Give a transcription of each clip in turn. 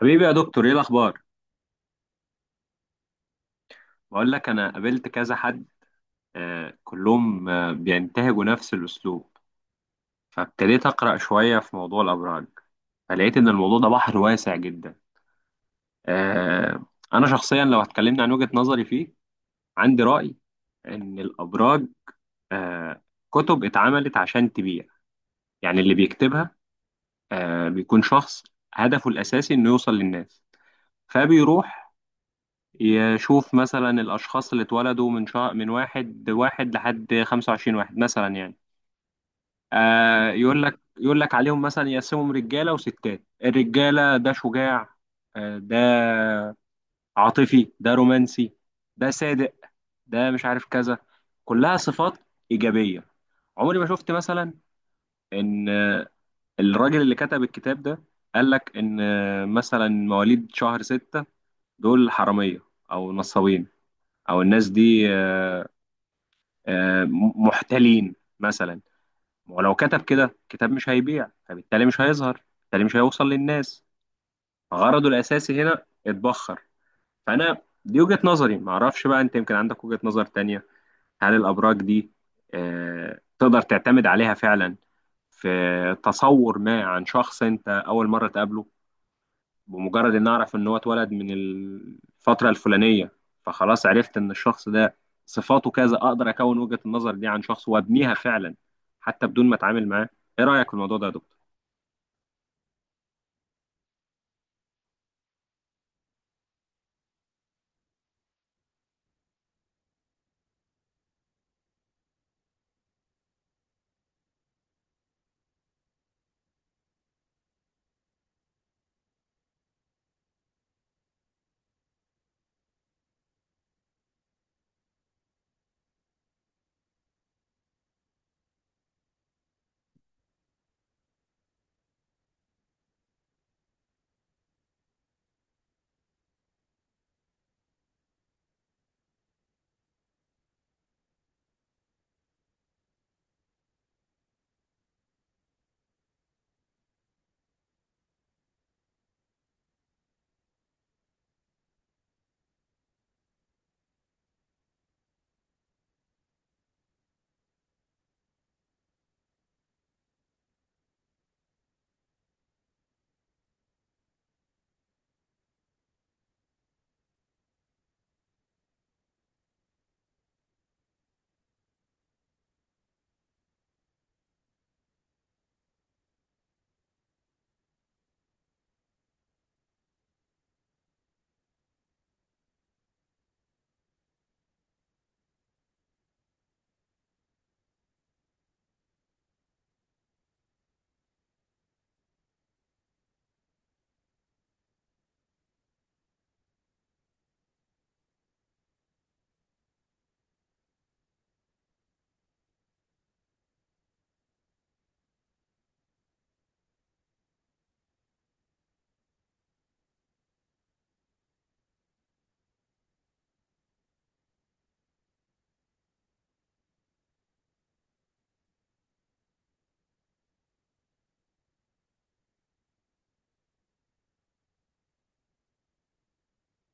حبيبي يا دكتور، ايه الاخبار؟ بقول لك انا قابلت كذا حد. آه، كلهم بينتهجوا نفس الاسلوب. فابتديت اقرا شويه في موضوع الابراج، فلقيت ان الموضوع ده بحر واسع جدا. آه. انا شخصيا لو اتكلمنا عن وجهه نظري فيه، عندي راي ان الابراج، آه كتب اتعملت عشان تبيع. يعني اللي بيكتبها بيكون شخص هدفه الاساسي انه يوصل للناس. فبيروح يشوف مثلا الأشخاص اللي اتولدوا من شهر، من واحد واحد لحد 25 واحد مثلا، يعني آه، يقول لك عليهم مثلا، يقسمهم رجالة وستات. الرجالة ده شجاع، آه، ده عاطفي، ده رومانسي، ده صادق، ده مش عارف كذا، كلها صفات إيجابية. عمري ما شفت مثلا إن الراجل اللي كتب الكتاب ده قال لك إن، مثلا، مواليد شهر ستة دول حرامية أو نصابين، أو الناس دي محتلين مثلا. ولو كتب كده كتاب مش هيبيع، فبالتالي مش هيظهر، بالتالي مش هيوصل للناس، غرضه الأساسي هنا اتبخر. فأنا دي وجهة نظري، معرفش بقى أنت يمكن عندك وجهة نظر تانية. هل الأبراج دي تقدر تعتمد عليها فعلا في تصور ما عن شخص أنت أول مرة تقابله؟ بمجرد ان اعرف ان هو اتولد من الفتره الفلانيه، فخلاص عرفت ان الشخص ده صفاته كذا، اقدر اكون وجهه النظر دي عن شخص وابنيها فعلا حتى بدون ما اتعامل معاه. ايه رايك في الموضوع ده يا دكتور؟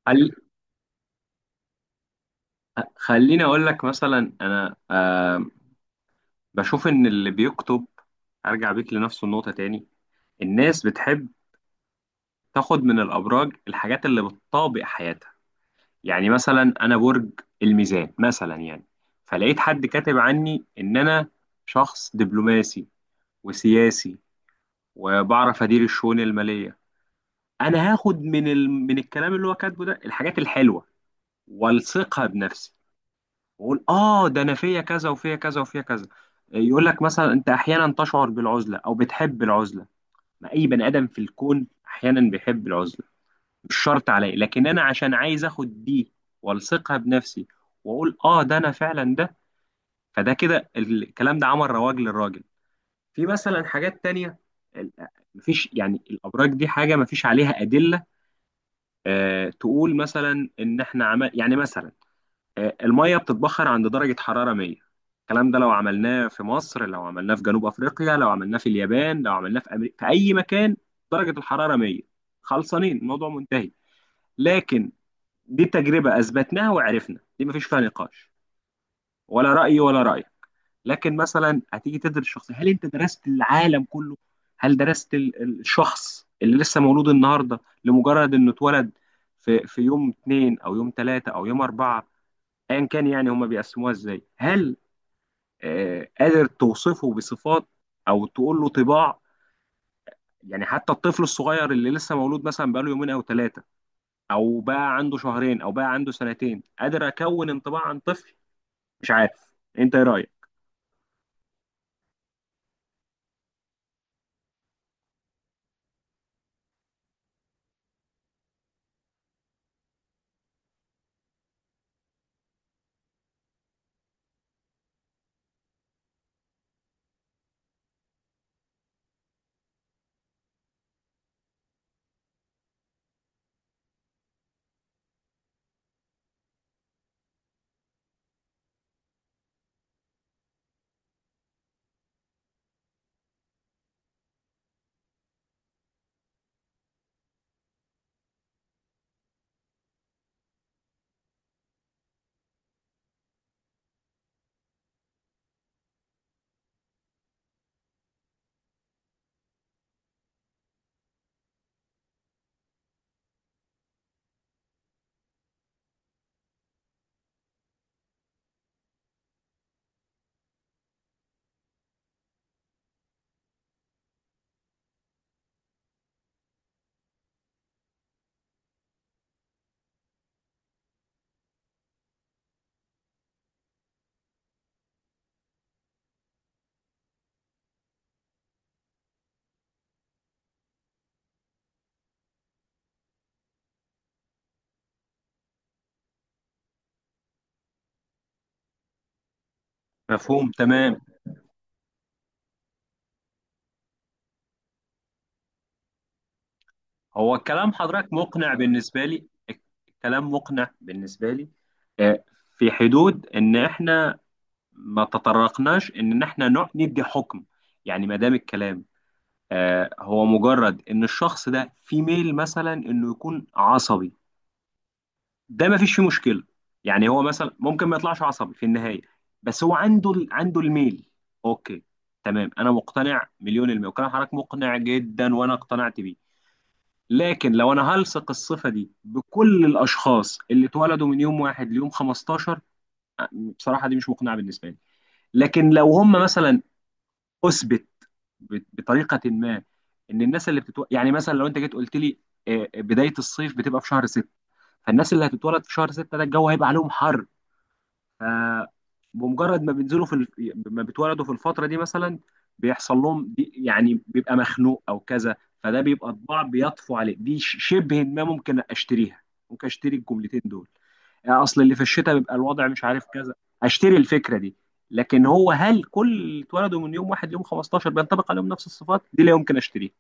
هل، خليني اقول لك مثلا، انا بشوف ان اللي بيكتب، ارجع بيك لنفس النقطه تاني، الناس بتحب تاخد من الابراج الحاجات اللي بتطابق حياتها. يعني مثلا انا برج الميزان مثلا، يعني فلقيت حد كاتب عني ان انا شخص دبلوماسي وسياسي وبعرف ادير الشؤون الماليه. انا هاخد من من الكلام اللي هو كاتبه ده الحاجات الحلوه والصقها بنفسي، واقول اه ده انا فيا كذا وفيا كذا وفيا كذا. يقول لك مثلا انت احيانا تشعر بالعزله او بتحب العزله. ما اي بني ادم في الكون احيانا بيحب العزله، مش شرط عليا، لكن انا عشان عايز اخد دي والصقها بنفسي واقول اه ده انا فعلا ده. فده كده الكلام ده عمل رواج للراجل. في مثلا حاجات تانية، ال- مفيش، يعني الابراج دي حاجه مفيش عليها ادله. تقول مثلا ان احنا عمل، يعني مثلا، الميه بتتبخر عند درجه حراره 100. الكلام ده لو عملناه في مصر، لو عملناه في جنوب افريقيا، لو عملناه في اليابان، لو عملناه في امريكا، في اي مكان، درجه الحراره 100. خلصانين، الموضوع منتهي. لكن دي تجربه اثبتناها وعرفنا، دي مفيش فيها نقاش ولا راي ولا راي. لكن مثلا هتيجي تدرس الشخصيه، هل انت درست العالم كله؟ هل درست الشخص اللي لسه مولود النهارده، لمجرد انه اتولد في يوم اتنين او يوم تلاته او يوم اربعه، ايا كان، يعني هما بيقسموها ازاي؟ هل قادر توصفه بصفات او تقول له طباع؟ يعني حتى الطفل الصغير اللي لسه مولود، مثلا بقاله يومين او ثلاثه، او بقى عنده شهرين او بقى عنده سنتين، قادر اكون انطباع عن طفل؟ مش عارف، انت ايه رايك؟ مفهوم، تمام. هو الكلام حضرتك مقنع بالنسبة لي. الكلام مقنع بالنسبة لي. آه، في حدود إن إحنا ما تطرقناش إن إحنا ندي حكم. يعني ما دام الكلام هو مجرد إن الشخص ده في ميل مثلا إنه يكون عصبي، ده ما فيش فيه مشكلة. يعني هو مثلا ممكن ما يطلعش عصبي في النهاية، بس هو عنده عنده الميل. أوكي، تمام. أنا مقتنع مليون المية، وكلام حضرتك مقنع جدا وأنا اقتنعت بيه. لكن لو انا هلصق الصفه دي بكل الاشخاص اللي اتولدوا من يوم واحد ليوم 15، بصراحه دي مش مقنعه بالنسبه لي. لكن لو هم مثلا اثبت بطريقه ما ان الناس يعني مثلا لو انت جيت قلت لي بدايه الصيف بتبقى في شهر 6، فالناس اللي هتتولد في شهر 6 ده الجو هيبقى عليهم حر، آه، بمجرد ما ما بيتولدوا في الفترة دي مثلا بيحصل لهم دي، يعني بيبقى مخنوق او كذا، فده بيبقى طباع بيطفو عليه، دي شبه ما ممكن اشتريها. ممكن اشتري الجملتين دول، اصل اللي في الشتاء بيبقى الوضع مش عارف كذا. اشتري الفكرة دي. لكن هو هل كل اللي اتولدوا من يوم واحد يوم 15 بينطبق عليهم نفس الصفات دي؟ لا يمكن اشتريها.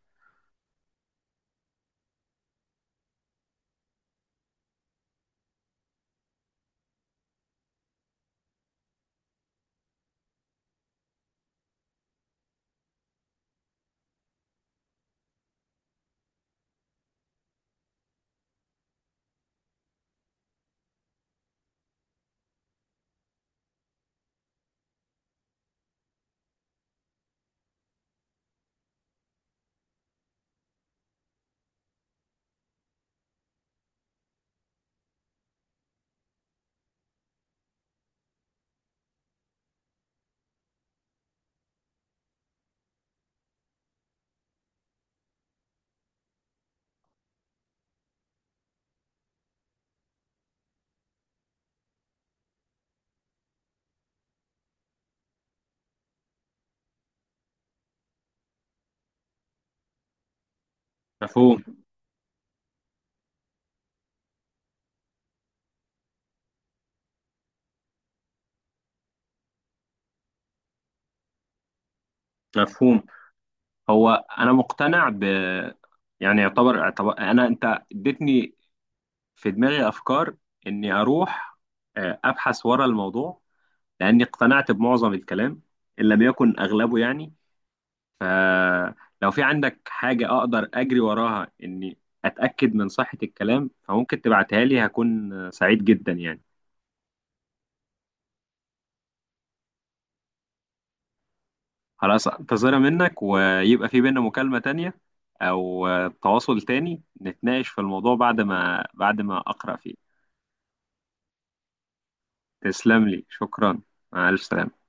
مفهوم، مفهوم. هو انا مقتنع ب، يعني يعتبر، اعتبر انا انت اديتني في دماغي أفكار إني أروح أبحث ورا الموضوع، لأني اقتنعت بمعظم الكلام إن لم يكن أغلبه، يعني. فلو في عندك حاجة أقدر أجري وراها إني أتأكد من صحة الكلام، فممكن تبعتها لي، هكون سعيد جدا يعني. خلاص، أنتظرها منك، ويبقى في بينا مكالمة تانية أو تواصل تاني نتناقش في الموضوع بعد ما، بعد ما أقرأ فيه. تسلم لي، شكرا. مع ألف سلامة.